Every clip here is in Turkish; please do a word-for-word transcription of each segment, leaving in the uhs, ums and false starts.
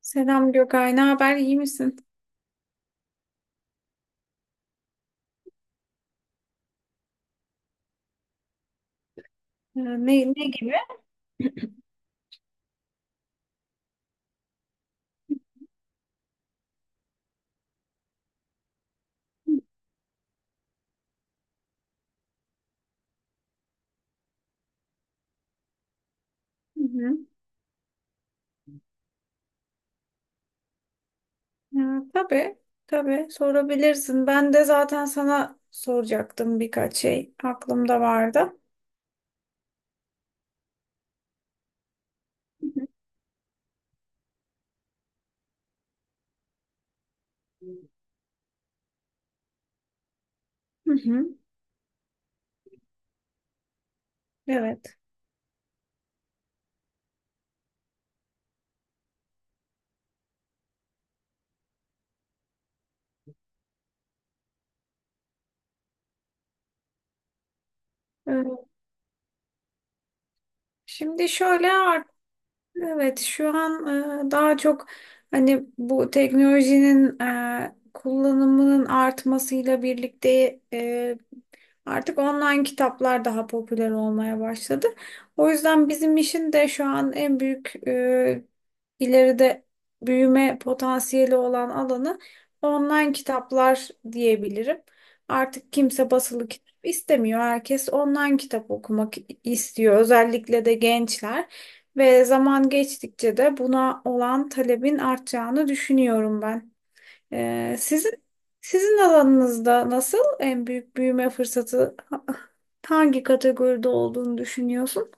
Selam Gökay, ne haber? İyi misin? Ee, Ne, ne gibi? Hı hı. Ya, tabii, tabii sorabilirsin. Ben de zaten sana soracaktım birkaç şey aklımda vardı. Hı hı. Hı hı. Evet. Ee, Şimdi şöyle. Evet, şu an e, daha çok hani bu teknolojinin e, kullanımının artmasıyla birlikte e, artık online kitaplar daha popüler olmaya başladı. O yüzden bizim işin de şu an en büyük e, ileride büyüme potansiyeli olan alanı online kitaplar diyebilirim. Artık kimse basılı kitap istemiyor. Herkes online kitap okumak istiyor. Özellikle de gençler. Ve zaman geçtikçe de buna olan talebin artacağını düşünüyorum ben. Ee, sizin sizin alanınızda nasıl en büyük büyüme fırsatı ha- hangi kategoride olduğunu düşünüyorsun?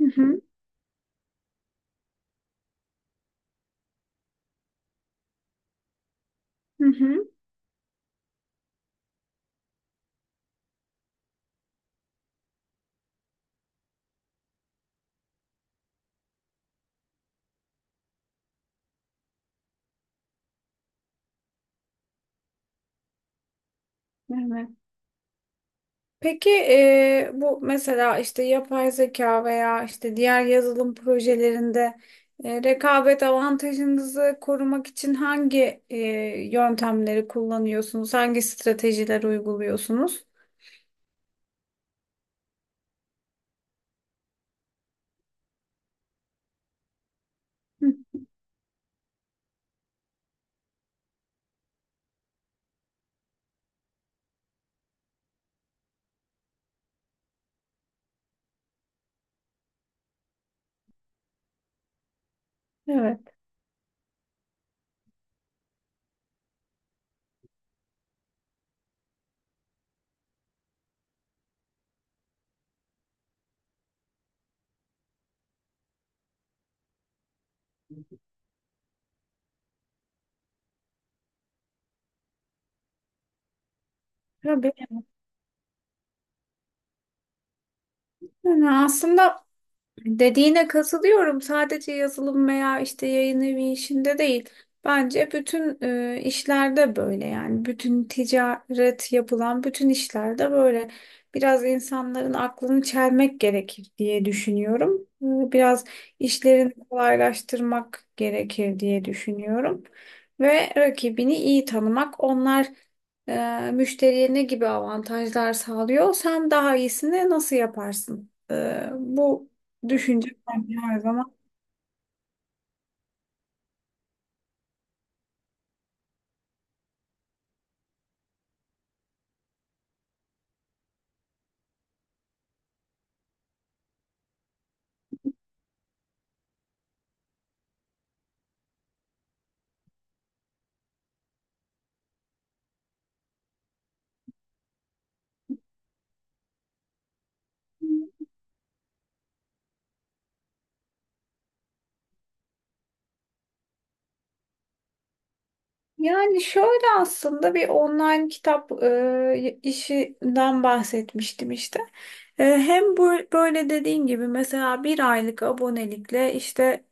Hı hı, hı hı. Evet. Peki eee, bu mesela işte yapay zeka veya işte diğer yazılım projelerinde eee, rekabet avantajınızı korumak için hangi eee, yöntemleri kullanıyorsunuz? Hangi stratejiler uyguluyorsunuz? Hı, evet, tabii. Yani aslında Dediğine katılıyorum. Sadece yazılım veya işte yayın evi işinde değil. Bence bütün e, işlerde böyle yani bütün ticaret yapılan bütün işlerde böyle biraz insanların aklını çelmek gerekir diye düşünüyorum. E, Biraz işlerini kolaylaştırmak gerekir diye düşünüyorum. Ve rakibini iyi tanımak onlar e, müşteriye ne gibi avantajlar sağlıyor? Sen daha iyisini nasıl yaparsın? E, bu Düşünce önemli her zaman. Yani şöyle aslında bir online kitap e, işinden bahsetmiştim işte. E, hem bu, böyle dediğin gibi mesela bir aylık abonelikle işte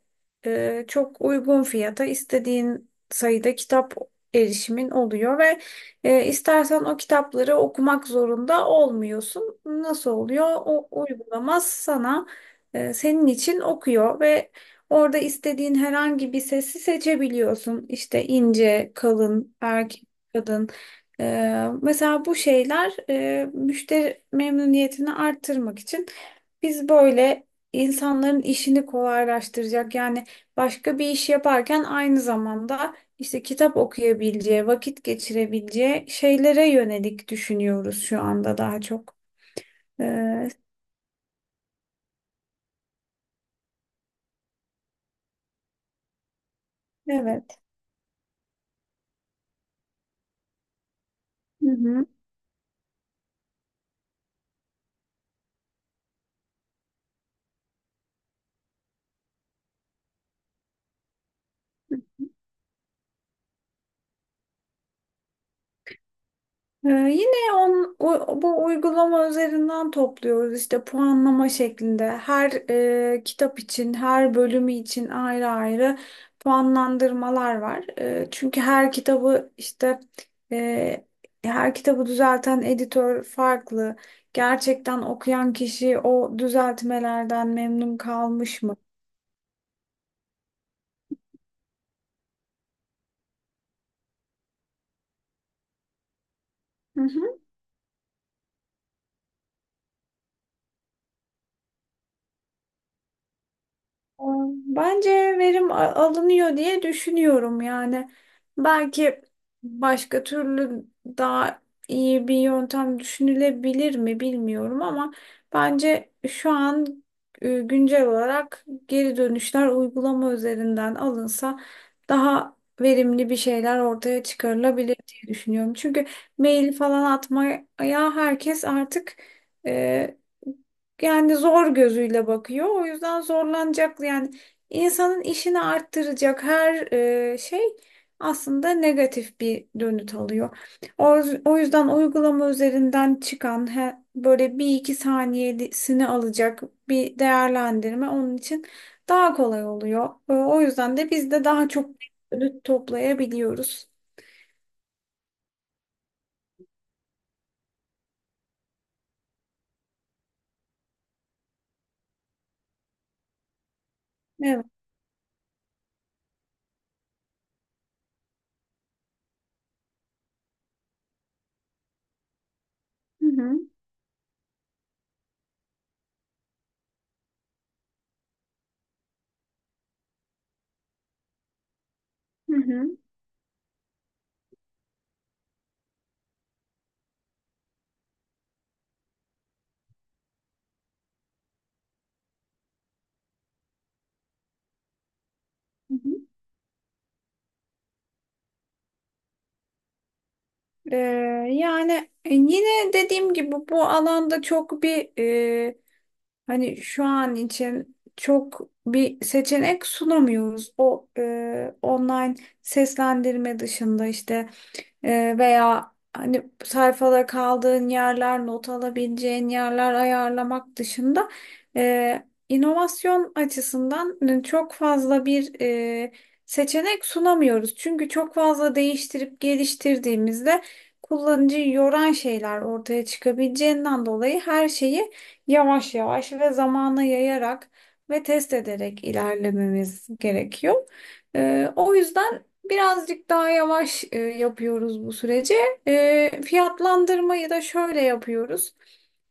e, çok uygun fiyata istediğin sayıda kitap erişimin oluyor ve e, istersen o kitapları okumak zorunda olmuyorsun. Nasıl oluyor? O uygulama sana e, senin için okuyor ve Orada istediğin herhangi bir sesi seçebiliyorsun. İşte ince, kalın, erkek, kadın. Ee, mesela bu şeyler e, müşteri memnuniyetini arttırmak için biz böyle insanların işini kolaylaştıracak yani başka bir iş yaparken aynı zamanda işte kitap okuyabileceği, vakit geçirebileceği şeylere yönelik düşünüyoruz şu anda daha çok. Ee, evet. Hı hı. Ee, yine on, u- bu uygulama üzerinden topluyoruz işte puanlama şeklinde. Her e, kitap için, her bölümü için ayrı ayrı puanlandırmalar var. E, çünkü her kitabı işte e, her kitabı düzelten editör farklı. Gerçekten okuyan kişi o düzeltmelerden memnun kalmış mı? Bence verim a- alınıyor diye düşünüyorum yani. Belki başka türlü daha iyi bir yöntem düşünülebilir mi bilmiyorum ama bence şu an e, güncel olarak geri dönüşler uygulama üzerinden alınsa daha verimli bir şeyler ortaya çıkarılabilir diye düşünüyorum. Çünkü mail falan atmaya herkes artık e, yani zor gözüyle bakıyor. O yüzden zorlanacak yani insanın işini arttıracak her e, şey aslında negatif bir dönüt alıyor. O, o yüzden uygulama üzerinden çıkan he- böyle bir iki saniyesini alacak bir değerlendirme onun için daha kolay oluyor. E, O yüzden de biz de daha çok dönüt toplayabiliyoruz. Evet. Hı hı. Hı hı. Ee, Yani e, yine dediğim gibi bu alanda çok bir e, hani şu an için çok bir seçenek sunamıyoruz. O e, online seslendirme dışında işte ee, veya hani sayfada kaldığın yerler, not alabileceğin yerler ayarlamak dışında e, inovasyon açısından çok fazla bir e, seçenek sunamıyoruz. Çünkü çok fazla değiştirip geliştirdiğimizde kullanıcıyı yoran şeyler ortaya çıkabileceğinden dolayı her şeyi yavaş yavaş ve zamana yayarak ve test ederek ilerlememiz gerekiyor. Ee, o yüzden Birazcık daha yavaş e, yapıyoruz bu süreci. E, fiyatlandırmayı da şöyle yapıyoruz.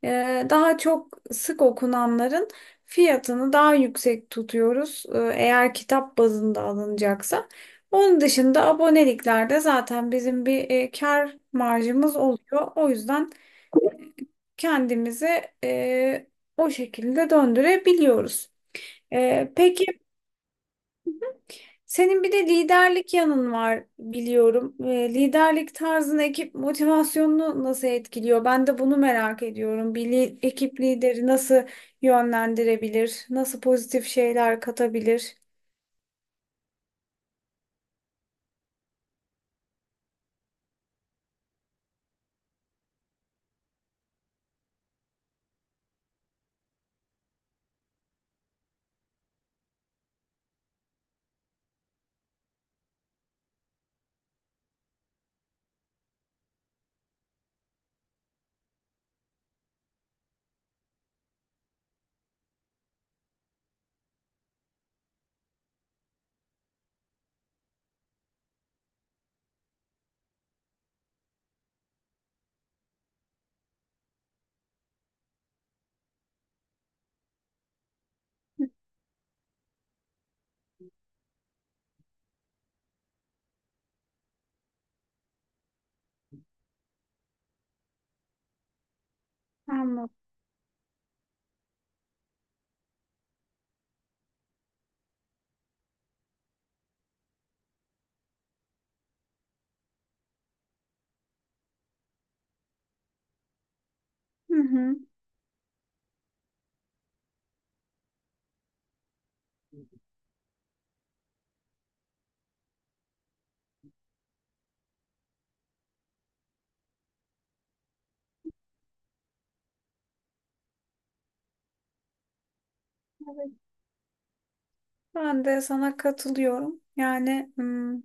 E, daha çok sık okunanların fiyatını daha yüksek tutuyoruz. E, eğer kitap bazında alınacaksa. Onun dışında aboneliklerde zaten bizim bir e, kar marjımız oluyor. O yüzden kendimizi e, o şekilde döndürebiliyoruz. E, peki Senin bir de liderlik yanın var biliyorum. Ee, Liderlik tarzını ekip motivasyonunu nasıl etkiliyor? Ben de bunu merak ediyorum. Bir li- ekip lideri nasıl yönlendirebilir? Nasıl pozitif şeyler katabilir? Anladım. Hı hı. Evet. Ben de sana katılıyorum. Yani hmm,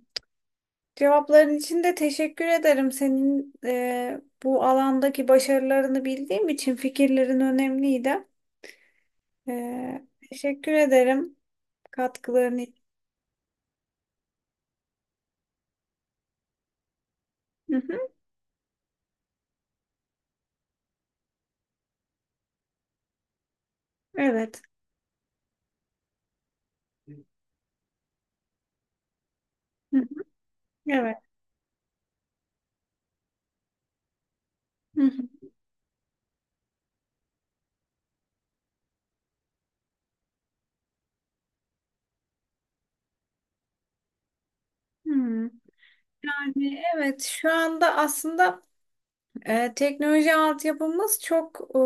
cevapların için de teşekkür ederim. Senin e, bu alandaki başarılarını bildiğim için fikirlerin önemliydi. Ee, teşekkür ederim katkıların için. Hı hı, Evet. Hı Evet. hı. Hı hı. Yani evet şu anda aslında E, teknoloji altyapımız çok e,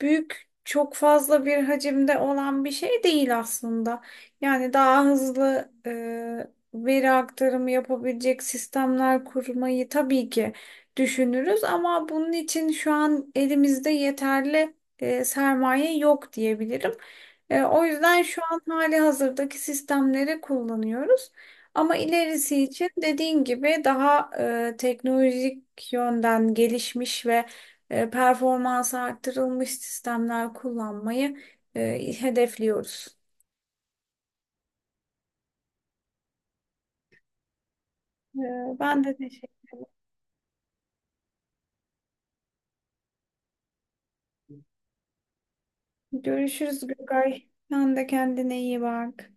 büyük, çok fazla bir hacimde olan bir şey değil aslında. Yani daha hızlı e, veri aktarımı yapabilecek sistemler kurmayı tabii ki düşünürüz ama bunun için şu an elimizde yeterli e, sermaye yok diyebilirim. E, o yüzden şu an hali hazırdaki sistemleri kullanıyoruz. Ama ilerisi için dediğin gibi daha e, teknolojik yönden gelişmiş ve e, performansı arttırılmış sistemler kullanmayı e, hedefliyoruz. E, Ben de teşekkür. Görüşürüz Gökay. Sen de kendine iyi bak.